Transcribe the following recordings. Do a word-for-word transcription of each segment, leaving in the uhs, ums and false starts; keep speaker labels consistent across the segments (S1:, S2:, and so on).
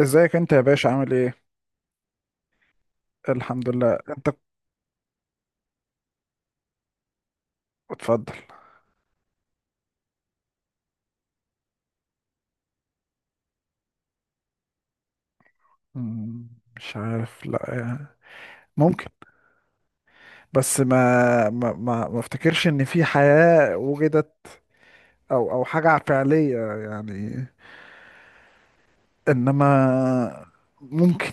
S1: ازيك انت يا باشا، عامل ايه؟ الحمد لله. انت؟ اتفضل. مم. مش عارف، لا يعني. ممكن. بس ما... ما ما, ما افتكرش ان في حياة وجدت، او او حاجة فعلية يعني. انما ممكن.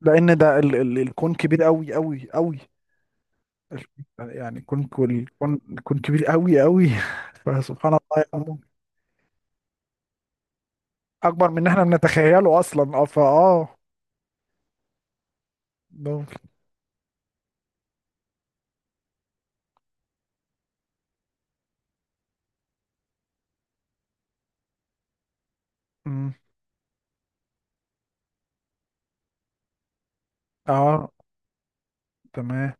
S1: لان ده ال ال الكون كبير قوي قوي قوي. يعني الكون كل- الكون الكون كبير قوي قوي. فسبحان الله، يعني ممكن. اكبر من ان احنا بنتخيله اصلا. اه فاه ممكن مم. اه، تمام.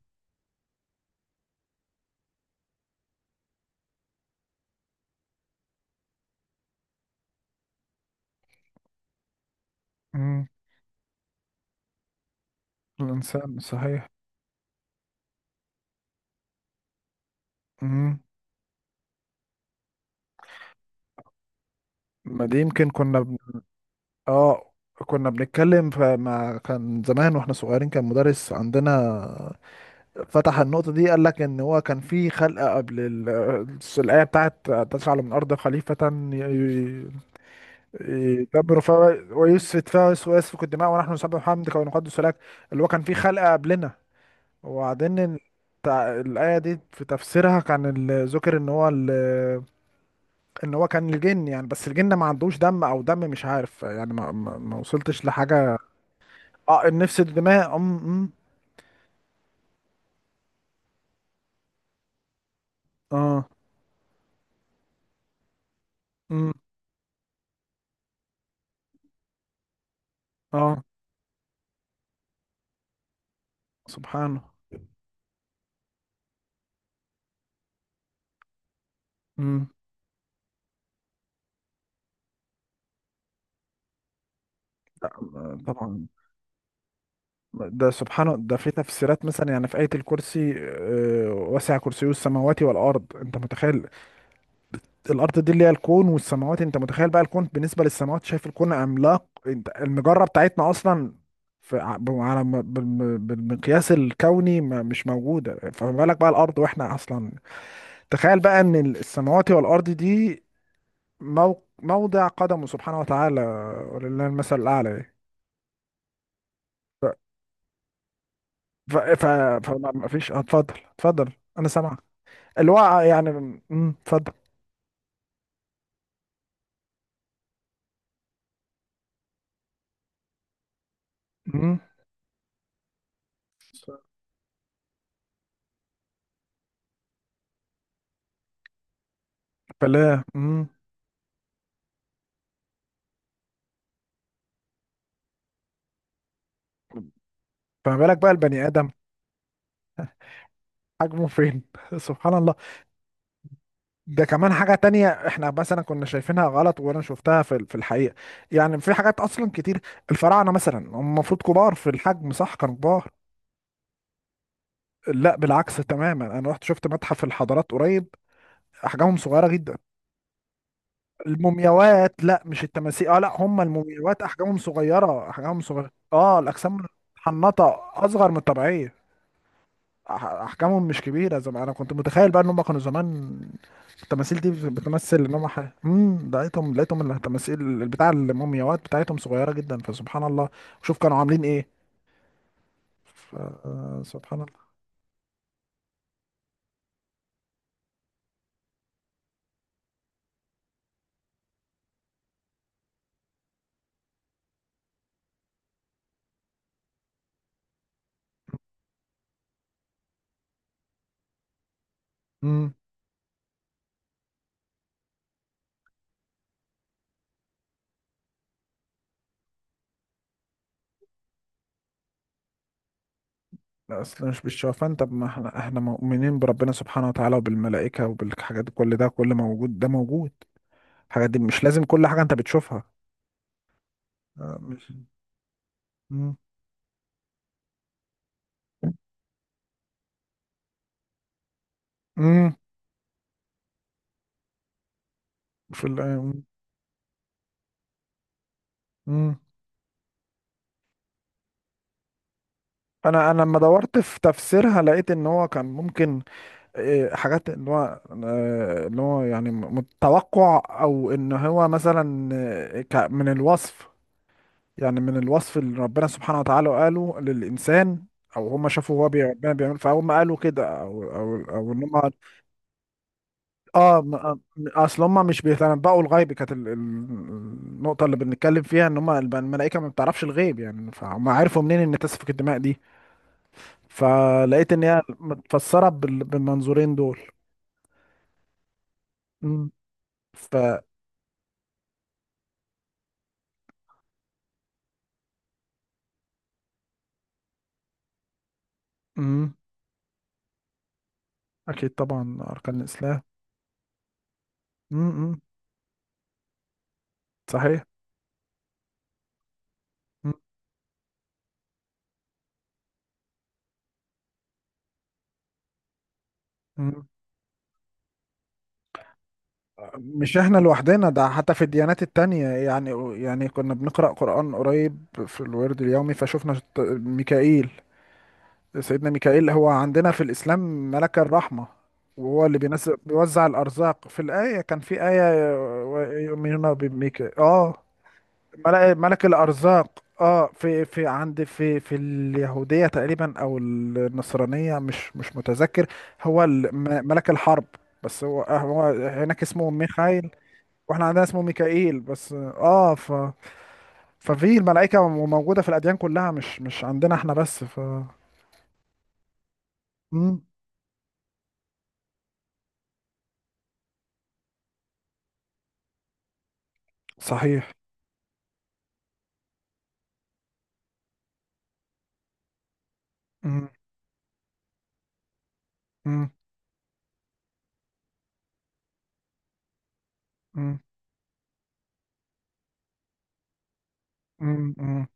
S1: الإنسان، صحيح. مم. ما دي يمكن كنا بن... اه، كنا بنتكلم، فما كان زمان واحنا صغيرين كان مدرس عندنا فتح النقطة دي، قال لك ان هو كان في خلقة قبل ال... الآية بتاعت تجعل من الأرض خليفة. ي- ي- يدبر فيها ويسفك فيها، ويسفك الدماء ونحن نسبح حمدك ونقدس لك. اللي هو كان في خلقة قبلنا. وبعدين التع- الآية دي في تفسيرها كان ال- ذكر ان هو ال... ان هو كان الجن يعني، بس الجن ما عندوش دم او دم، مش عارف يعني. ما ما, ما وصلتش لحاجه. اه، النفس، الدماء. ام ام اه ام اه سبحانه امم، طبعا. ده سبحانه، ده في تفسيرات مثلا. يعني في آية الكرسي، آه، وسع كرسيه السماوات والأرض. أنت متخيل الارض دي اللي هي الكون والسماوات؟ انت متخيل بقى الكون بالنسبه للسماوات؟ شايف الكون عملاق، انت المجره بتاعتنا اصلا في ع- ب- على م- بالم- بالمقياس الكوني ما- مش موجوده، فما بالك بقى الارض واحنا اصلا. تخيل بقى ان ال- السماوات والارض دي مو... موضع قدمه سبحانه وتعالى، ولله المثل الاعلى يعني. ف... ف... ف... فما ما فيش اتفضل اتفضل، انا سامعك. اللي هو يعني، امم، اتفضل. امم. فلا. امم. فما بالك بقى البني ادم، حجمه فين؟ سبحان الله. ده كمان حاجة تانية احنا مثلا كنا شايفينها غلط، وانا شفتها في ال- في الحقيقة. يعني في حاجات اصلا كتير. الفراعنة مثلا هم المفروض كبار في الحجم، صح؟ كانوا كبار. لا، بالعكس تماما. انا رحت شفت متحف الحضارات قريب، احجامهم صغيرة جدا. المومياوات، لا مش التماثيل. اه، لا، هم المومياوات احجامهم صغيرة، احجامهم صغيرة اه. الاجسام محنطة اصغر من الطبيعية. أح- احجامهم مش كبيره زي ما انا كنت متخيل، بقى ان هم كانوا زمان التماثيل دي بتمثل ان هم ح... امم، لقيتهم لقيتهم التماثيل البتاع المومياوات بتاعتهم صغيره جدا. فسبحان الله، شوف كانوا عاملين ايه. ف... آه، سبحان الله. امم. لا، اصل مش بالشوفان. طب ما احنا، احنا مؤمنين بربنا سبحانه وتعالى، وبالملائكه، وبالحاجات دي. كل ده كل موجود، ده موجود. الحاجات دي مش لازم كل حاجه انت بتشوفها. آه، مش امم. امم. في ال... امم، انا انا لما دورت في تفسيرها لقيت ان هو كان ممكن، آه، حاجات ان هو، آه، ان هو يعني متوقع، او ان هو مثلا، آه، ك- من الوصف. يعني من الوصف اللي ربنا سبحانه وتعالى قاله للانسان، او هم شافوا هو بي- ربنا بيعمل فهم قالوا كده، او او او ان هم اه م- آه، اصل هم مش بيتنبؤوا الغيب. كانت ال- ال- النقطه اللي بنتكلم فيها ان هم الب- الملائكه ما بتعرفش الغيب يعني، فهم عرفوا منين ان تسفك الدماء دي؟ فلقيت ان هي متفسره بال- بالمنظورين دول. مم. ف... مم. اكيد طبعا، اركان الاسلام. مم. صحيح. مم. مم. مش احنا لوحدنا، ده حتى في الديانات التانية يعني. يعني كنا بنقرأ قرآن قريب في الورد اليومي، فشفنا شط- ميكائيل سيدنا ميكائيل هو عندنا في الإسلام ملك الرحمة، وهو اللي بينزل بيوزع الأرزاق. في الآية كان في آية يؤمنون بميكائيل اه. ملك ملك الأرزاق اه. في في عند، في في اليهودية تقريبا أو النصرانية، مش مش متذكر، هو ال- م- ملك الحرب. بس هو آه، هو هناك اسمه ميخائيل، واحنا عندنا اسمه ميكائيل بس. اه ف، ففي الملائكة موجودة في الأديان كلها، مش مش عندنا احنا بس. ف... مم. صحيح. مم. مم. مم. مم. مم.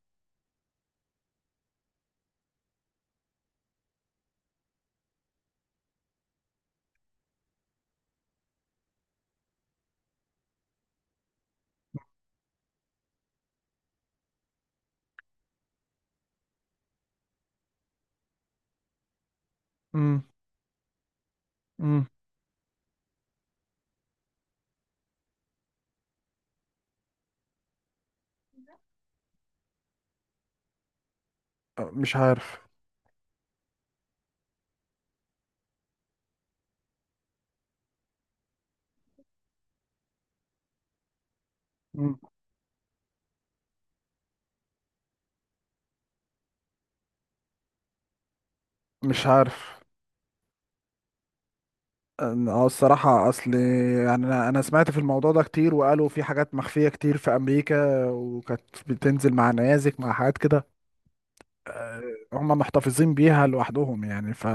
S1: مم. مم. مش عارف. مم. مش عارف. أم- اه الصراحة أصل يعني أنا أنا سمعت في الموضوع ده كتير، وقالوا في حاجات مخفية كتير في أمريكا، وكانت بتنزل مع نيازك مع حاجات كده، هم محتفظين بيها لوحدهم يعني. ف...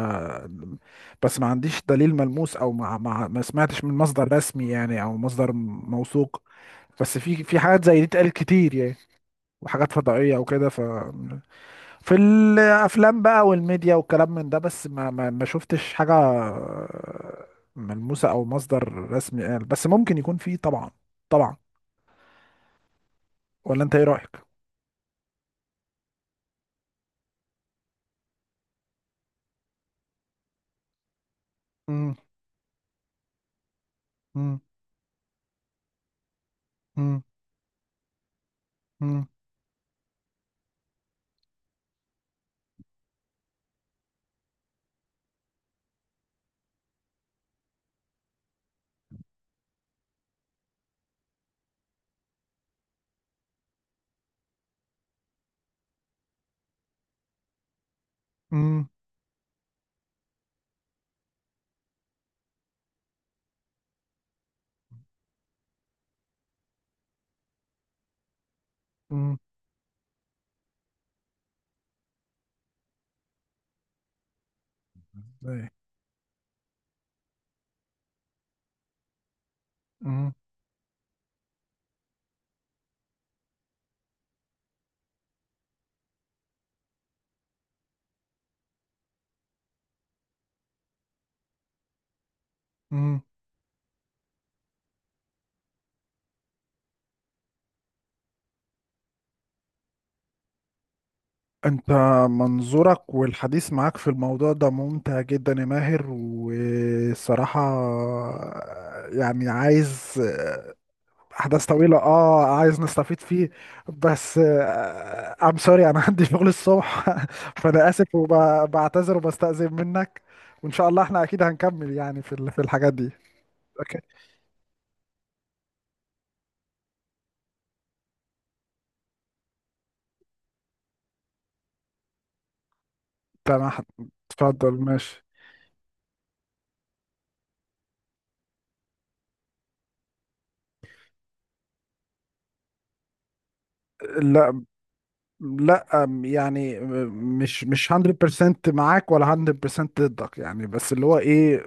S1: بس ما عنديش دليل ملموس، أو ما, ما, ما سمعتش من مصدر رسمي يعني، أو مصدر م- موثوق بس في في حاجات زي دي اتقالت كتير يعني، وحاجات فضائية وكده، فمش... في الافلام بقى والميديا والكلام من ده، بس ما ما ما شفتش حاجه ملموسه او مصدر رسمي قال. بس ممكن يكون فيه طبعا، طبعا. ولا انت ايه رايك؟ مم. مم. مم. مم. مم. مم. إيه. مم. مم. انت منظورك والحديث معاك في الموضوع ده ممتع جدا يا ماهر، والصراحه يعني عايز احداث طويله اه، عايز نستفيد فيه. بس ام سوري، انا عندي شغل الصبح فانا اسف وبعتذر وبستأذن منك. وان شاء الله احنا اكيد هنكمل يعني في ال- في الحاجات دي. اوكي. تمام. اتفضل، ماشي. لا لا، أم، يعني م- مش مش مية في المية معاك ولا مية في المية ضدك يعني. بس اللي هو ايه،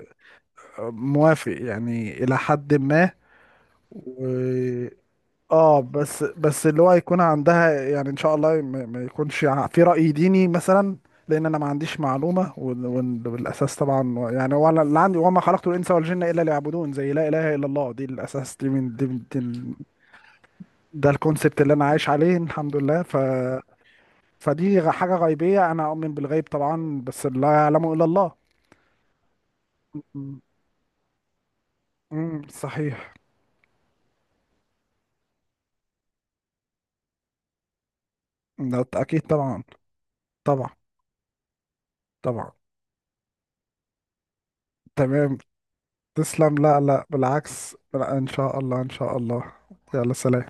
S1: موافق يعني الى حد ما. اه، بس بس اللي هو يكون عندها يعني ان شاء الله ما ما يكونش ع- في رأي ديني مثلا. لان انا ما عنديش معلومة، وال- وال- والاساس طبعا يعني، هو أنا اللي عندي، وما خلقت الانس والجن الا ليعبدون، زي لا اله الا الله. دي الاساس، دي من دي من- دي ال... ده الكونسبت اللي انا عايش عليه، الحمد لله. ف... فدي غ- حاجة غيبية، انا اؤمن بالغيب طبعا، بس لا يعلمه الا الله. امم، صحيح. ده اكيد طبعا. طبعا. طبعا. تمام. تسلم. لا لا، بالعكس، لا، ان شاء الله، ان شاء الله. يلا، سلام.